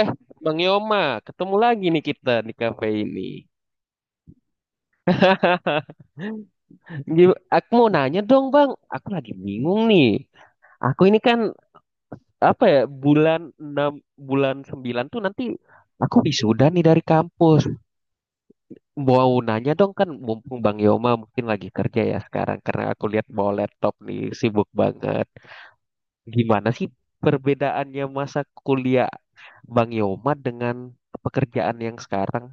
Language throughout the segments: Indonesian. Eh, Bang Yoma, ketemu lagi nih kita di kafe ini. Aku mau nanya dong, Bang. Aku lagi bingung nih. Aku ini kan apa ya, bulan 6 bulan 9 tuh nanti aku wisuda nih dari kampus. Mau nanya dong kan mumpung Bang Yoma mungkin lagi kerja ya sekarang karena aku lihat bawa laptop nih sibuk banget. Gimana sih perbedaannya masa kuliah Bang Yoma dengan pekerjaan yang sekarang?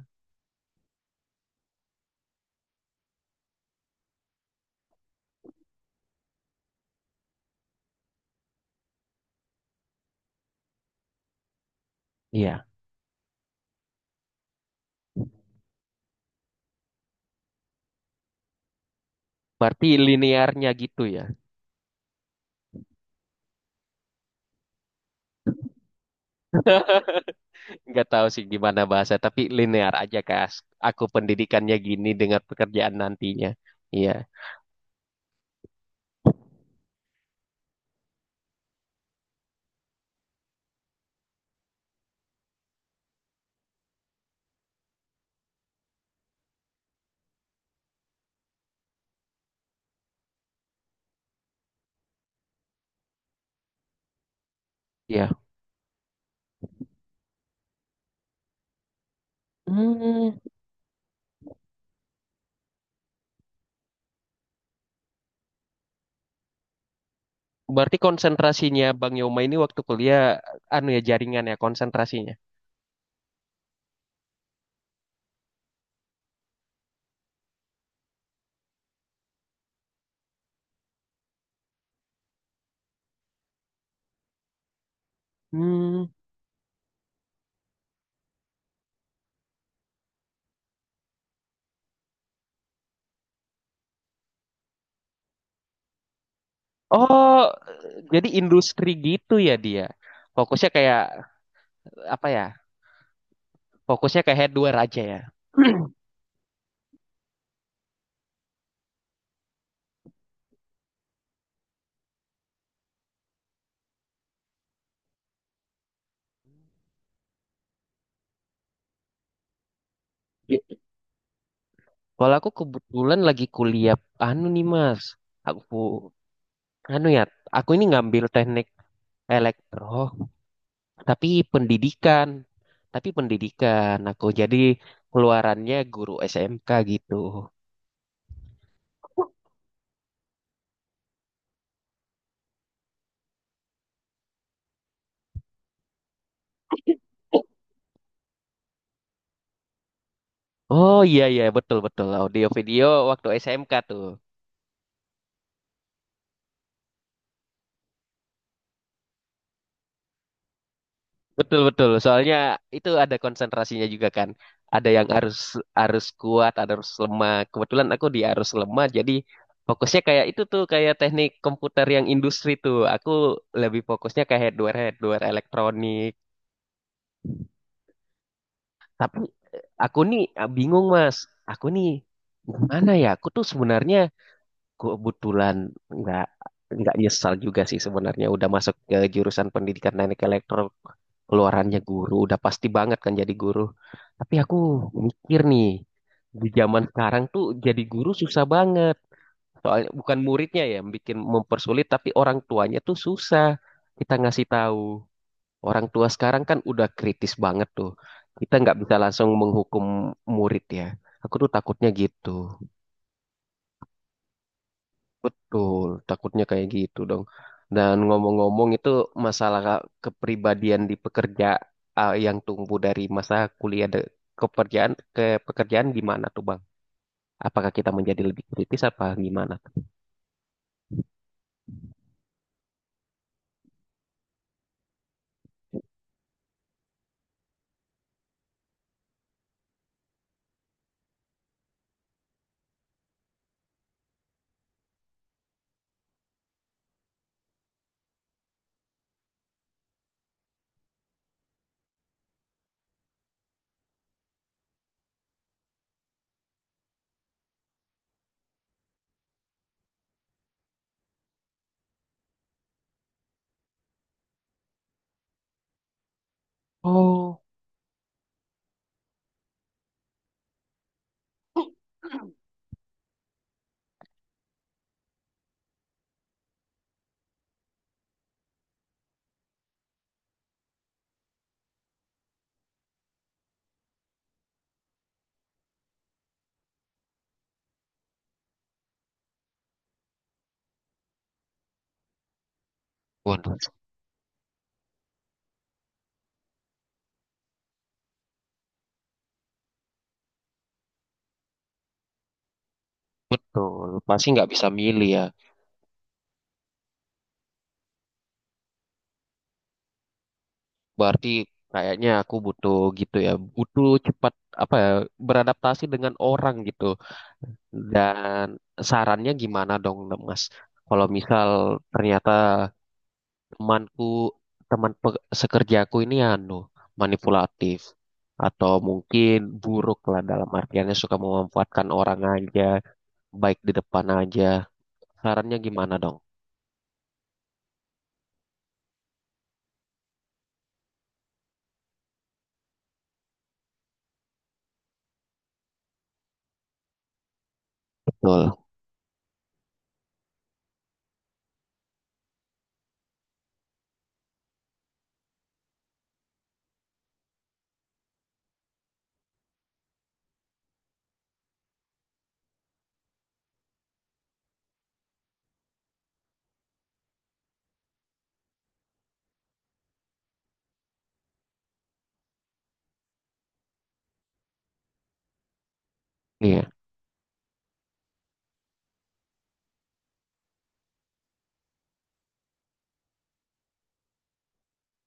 Iya, berarti linearnya gitu ya. Nggak tahu sih gimana bahasa tapi linear aja Kak. Aku pendidikannya gini dengan pekerjaan nantinya. Iya, iya. Hmm, berarti konsentrasinya Bang Yoma ini waktu kuliah anu ya jaringan ya konsentrasinya. Hmm. Oh, jadi industri gitu ya dia. Fokusnya kayak apa ya? Fokusnya kayak hardware aja ya. Iya. Kalau aku kebetulan lagi kuliah anu nih Mas. Aku anu ya, aku ini ngambil teknik elektro. tapi pendidikan tapi pendidikan aku jadi keluarannya guru SMK gitu. Oh, iya, iya, betul, betul, audio video waktu SMK tuh. Betul, betul, soalnya itu ada konsentrasinya juga kan. Ada yang harus harus kuat, ada harus lemah, kebetulan aku di harus lemah, jadi fokusnya kayak itu tuh kayak teknik komputer yang industri tuh aku lebih fokusnya ke hardware hardware elektronik. Tapi aku nih bingung Mas. Aku nih gimana ya? Aku tuh sebenarnya kebetulan nggak nggak nyesal juga sih sebenarnya udah masuk ke jurusan pendidikan teknik elektro, keluarannya guru udah pasti banget kan jadi guru. Tapi aku mikir nih di zaman sekarang tuh jadi guru susah banget. Soalnya bukan muridnya ya yang bikin mempersulit, tapi orang tuanya tuh susah kita ngasih tahu. Orang tua sekarang kan udah kritis banget tuh. Kita nggak bisa langsung menghukum murid ya. Aku tuh takutnya gitu. Betul, takutnya kayak gitu dong. Dan ngomong-ngomong itu masalah kepribadian di pekerja, yang tumbuh dari masa kuliah ke pekerjaan gimana tuh Bang? Apakah kita menjadi lebih kritis apa gimana? Oh, waduh, betul. Pasti nggak bisa milih ya. Berarti kayaknya aku butuh gitu ya, butuh cepat apa ya, beradaptasi dengan orang gitu. Dan sarannya gimana dong, Mas? Kalau misal ternyata temanku, teman sekerjaku ini anu manipulatif atau mungkin buruk lah dalam artiannya suka memanfaatkan orang aja, baik di depan aja. Sarannya gimana dong? Betul. Iya,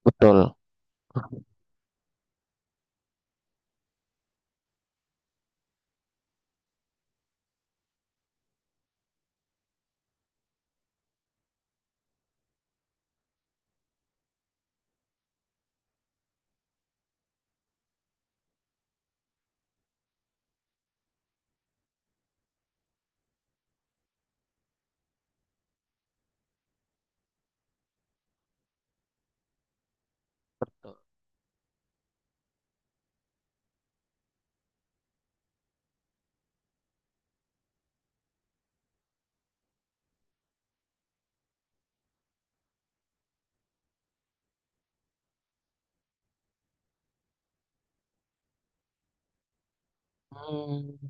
betul. Betul. Hmm.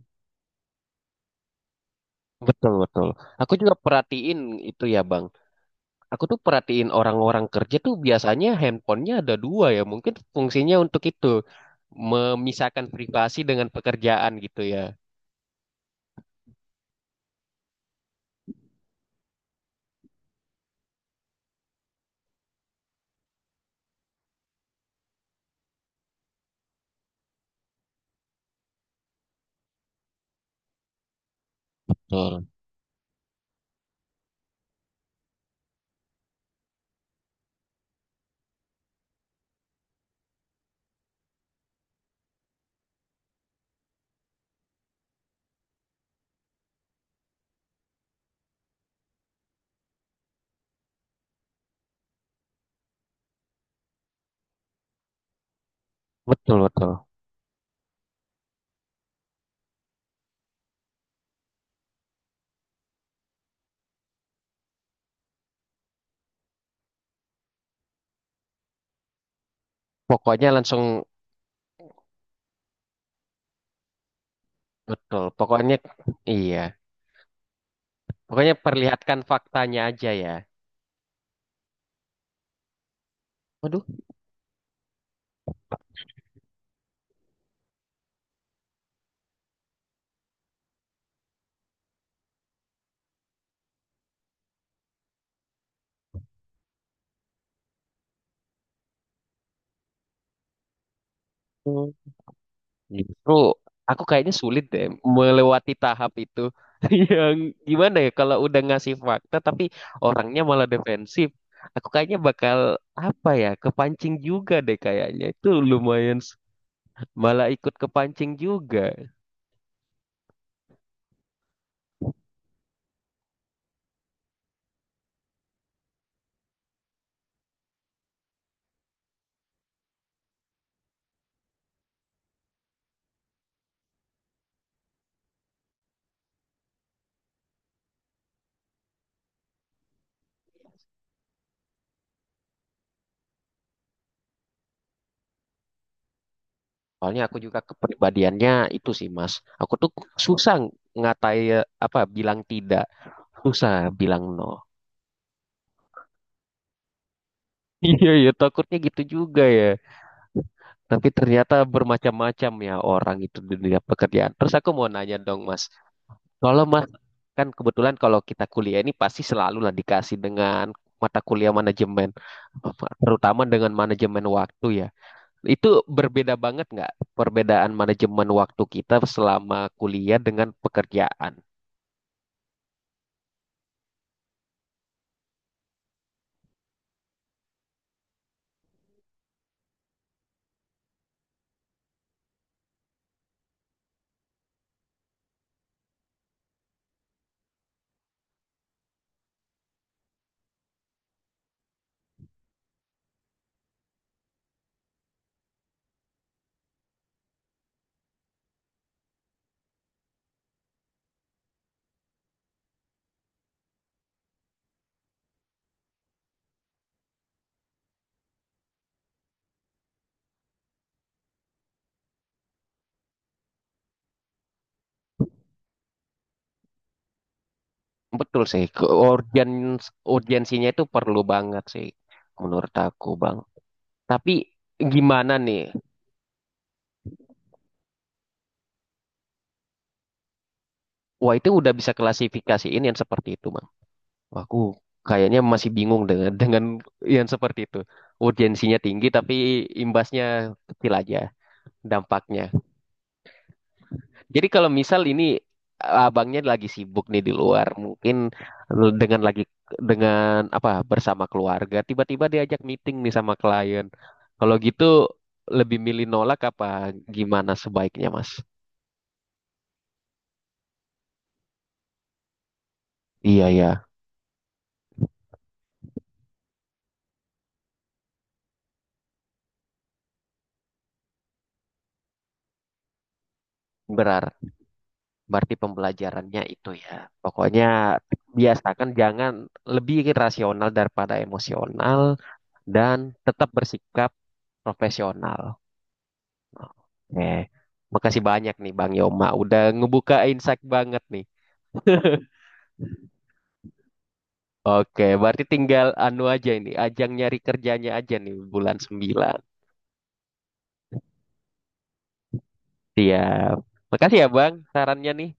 Betul, betul. Aku juga perhatiin itu ya, Bang. Aku tuh perhatiin orang-orang kerja tuh biasanya handphonenya ada dua ya. Mungkin fungsinya untuk itu, memisahkan privasi dengan pekerjaan gitu ya. Betul, betul, betul. Pokoknya langsung, betul. Pokoknya, iya. Pokoknya perlihatkan faktanya aja ya. Waduh, justru aku kayaknya sulit deh melewati tahap itu. Yang gimana ya kalau udah ngasih fakta tapi orangnya malah defensif. Aku kayaknya bakal apa ya kepancing juga deh kayaknya. Itu lumayan. Malah ikut kepancing juga. Soalnya aku juga kepribadiannya itu sih Mas. Aku tuh susah ngatai apa bilang tidak, susah bilang no. Iya ya takutnya gitu juga ya. Tapi ternyata bermacam-macam ya orang itu di dunia pekerjaan. Terus aku mau nanya dong, Mas. Kalau Mas, kan kebetulan kalau kita kuliah ini pasti selalu lah dikasih dengan mata kuliah manajemen, terutama dengan manajemen waktu ya. Itu berbeda banget nggak perbedaan manajemen waktu kita selama kuliah dengan pekerjaan? Betul sih, urgensinya itu perlu banget sih menurut aku, Bang. Tapi gimana nih? Wah, itu udah bisa klasifikasiin yang seperti itu, Bang. Wah, aku kayaknya masih bingung dengan dengan yang seperti itu. Urgensinya tinggi tapi imbasnya kecil aja dampaknya. Jadi kalau misal ini abangnya lagi sibuk nih di luar, mungkin dengan lagi dengan apa bersama keluarga, tiba-tiba diajak meeting nih sama klien. Kalau gitu lebih milih nolak apa gimana sebaiknya, Mas? Iya, ya. Benar. Berarti pembelajarannya itu ya. Pokoknya biasakan jangan, lebih rasional daripada emosional dan tetap bersikap profesional. Oke. Makasih banyak nih Bang Yoma udah ngebuka insight banget nih. Oke, berarti tinggal anu aja ini, ajang nyari kerjanya aja nih bulan 9. Siap. Makasih ya Bang sarannya nih.